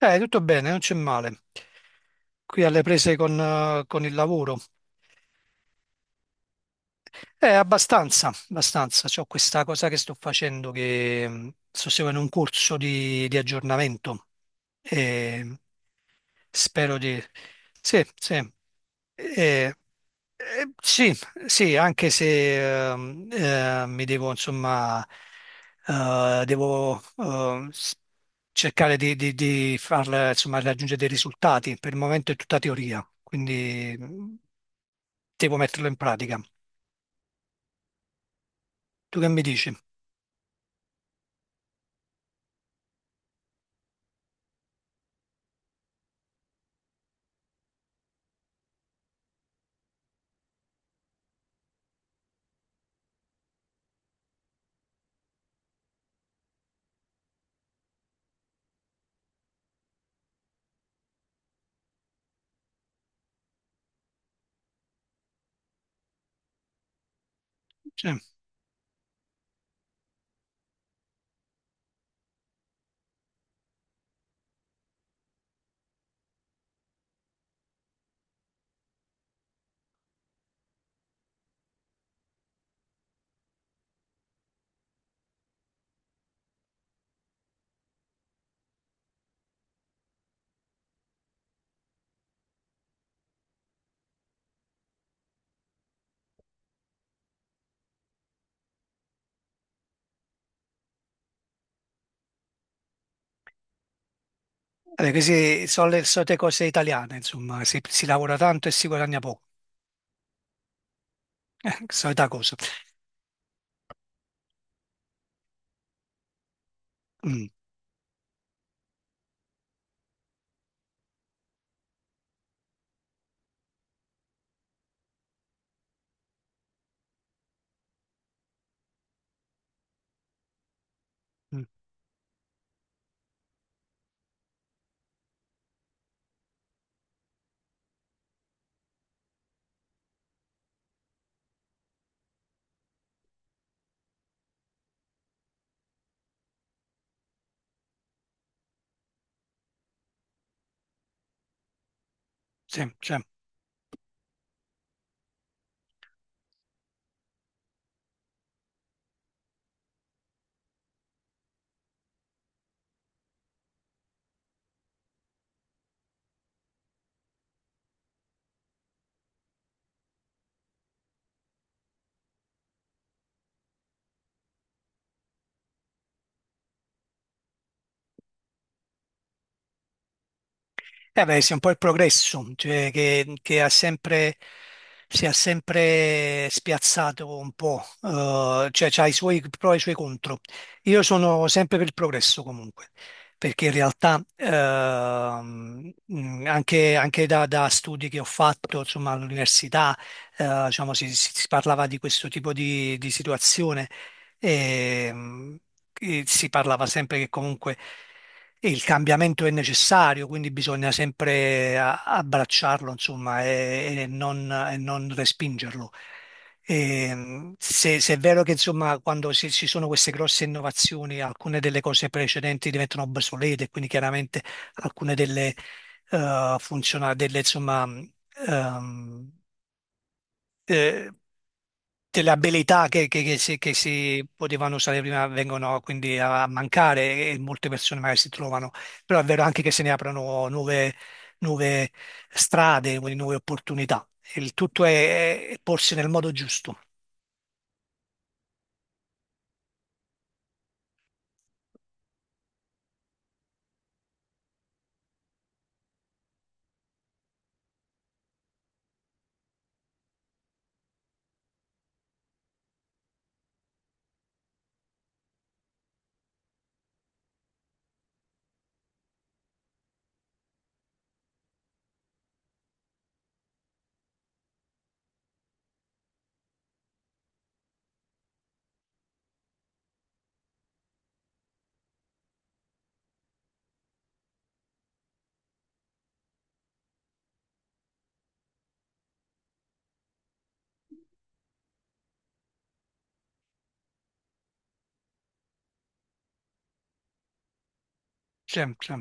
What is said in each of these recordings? Tutto bene, non c'è male. Qui alle prese con il lavoro. Abbastanza, abbastanza. C'ho questa cosa che sto facendo che sto seguendo un corso di aggiornamento e spero di... Sì, sì. Eh, sì, sì, anche se mi devo, insomma, devo cercare di, di farla, insomma, raggiungere dei risultati. Per il momento è tutta teoria, quindi devo metterlo in pratica. Tu che mi dici? Cioè, vabbè, queste sono le solite cose italiane, insomma, si lavora tanto e si guadagna poco. Solita cosa. Mm, mm, sì, sì. Eh beh, sì, un po' il progresso, cioè che ha sempre, si è sempre spiazzato un po', cioè ha i suoi pro e i suoi contro. Io sono sempre per il progresso comunque, perché in realtà anche, anche da, da studi che ho fatto, insomma, all'università, diciamo, si parlava di questo tipo di situazione e, mh, e si parlava sempre che comunque e il cambiamento è necessario, quindi bisogna sempre abbracciarlo, insomma, e non respingerlo. E, se, se è vero che, insomma, quando ci sono queste grosse innovazioni, alcune delle cose precedenti diventano obsolete, quindi chiaramente alcune delle, funziona delle, ehm, eh, delle abilità che si potevano usare prima vengono quindi a mancare e molte persone magari si trovano, però è vero anche che se ne aprono nuove, nuove strade, quindi nuove opportunità. Il tutto è porsi nel modo giusto, sempre. Sì,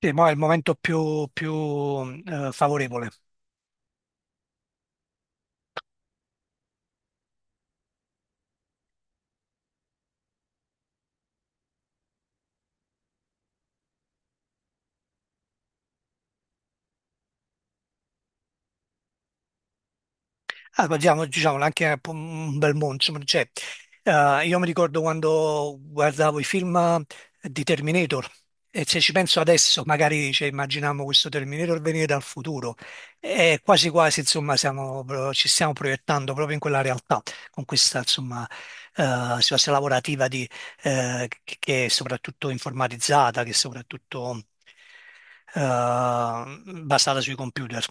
sì, mo è il momento più, più, favorevole. Ah, parliamo, diciamolo, anche un po' un bel mondo, insomma, cioè, io mi ricordo quando guardavo i film di Terminator e se ci penso adesso, magari cioè, immaginiamo questo Terminator venire dal futuro e quasi quasi, insomma, ci stiamo proiettando proprio in quella realtà, con questa, insomma, situazione lavorativa di, che è soprattutto informatizzata, che è soprattutto eh, basata sui computer.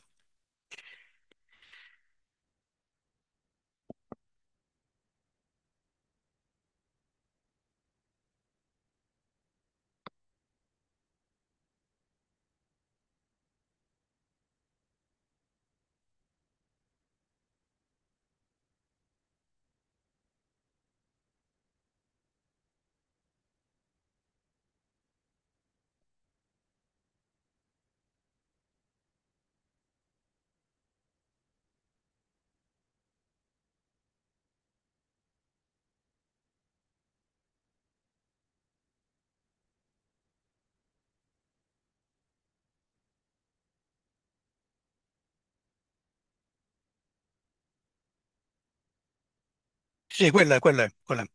Sì, quello è, quello è, quello è.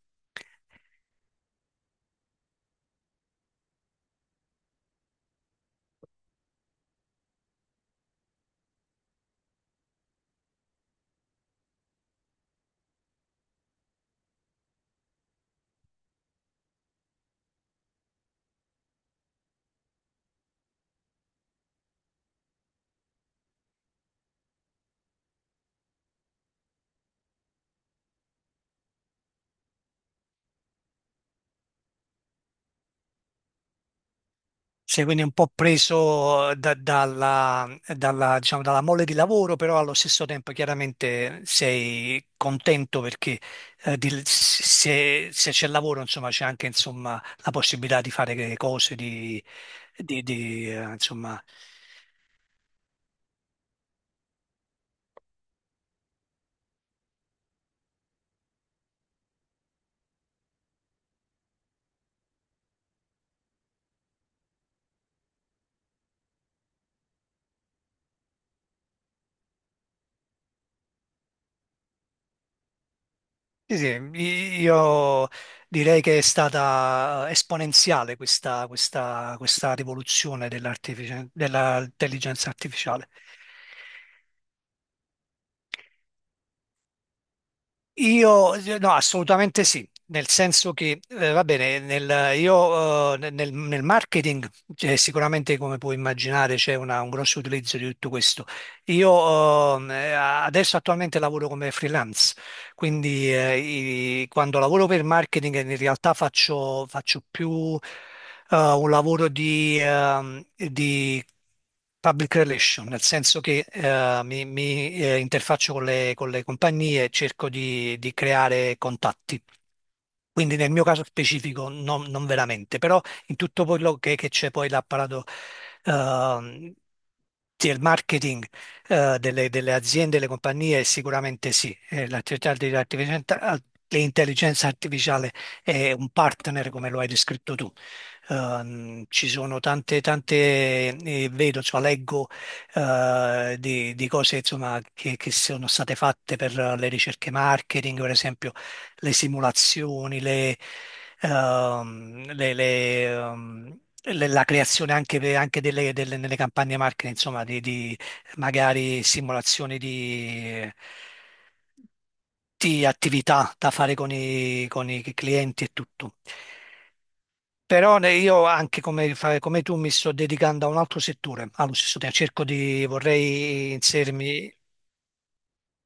Sì, quindi un po' dalla, dalla, diciamo, dalla mole di lavoro, però allo stesso tempo chiaramente sei contento perché se, se c'è lavoro, insomma, c'è anche insomma, la possibilità di fare le cose, insomma... Sì, sì, io direi che è stata esponenziale questa, questa, questa rivoluzione dell'intelligenza artificiale. No, assolutamente sì, nel senso che, va bene, nel marketing, cioè, sicuramente come puoi immaginare c'è un grosso utilizzo di tutto questo. Io, adesso attualmente lavoro come freelance quindi quando lavoro per marketing in realtà faccio, faccio più un lavoro di public relation, nel senso che mi, interfaccio con le compagnie e cerco di creare contatti. Quindi nel mio caso specifico non, non veramente, però in tutto quello che c'è poi l'apparato ehm, del marketing delle, delle aziende, delle compagnie, sicuramente sì. L'intelligenza artificiale è un partner come lo hai descritto tu. Ci sono tante, tante, vedo, insomma, leggo di cose insomma, che sono state fatte per le ricerche marketing, per esempio le simulazioni, la creazione anche, anche delle, nelle campagne marketing, insomma, magari simulazioni di attività da fare con i clienti e tutto. Però io anche come, come tu mi sto dedicando a un altro settore, allo stesso tempo cerco di, vorrei inserirmi,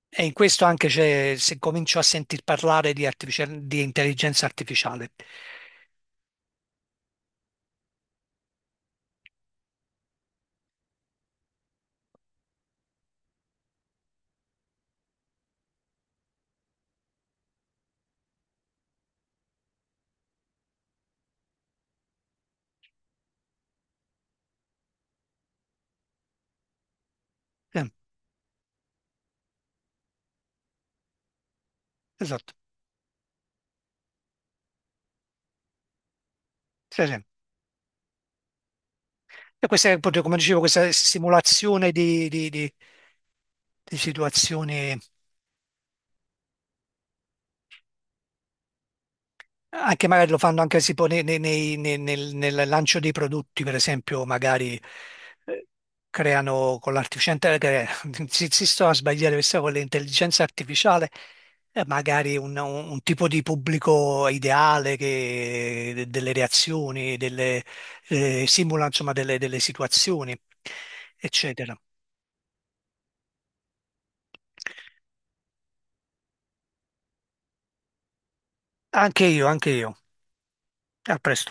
e in questo anche c'è, se comincio a sentir parlare di, di intelligenza artificiale. Eh, esatto, sì, sì. E questa è proprio, come dicevo, questa simulazione di situazioni. Anche magari lo fanno anche tipo nel lancio dei prodotti, per esempio, magari eh, creano con l'artificiale, cre- si sto a sbagliare, questa con l'intelligenza artificiale, magari un tipo di pubblico ideale delle reazioni, delle, simula insomma delle delle situazioni, eccetera. Anche io, anche io. A presto.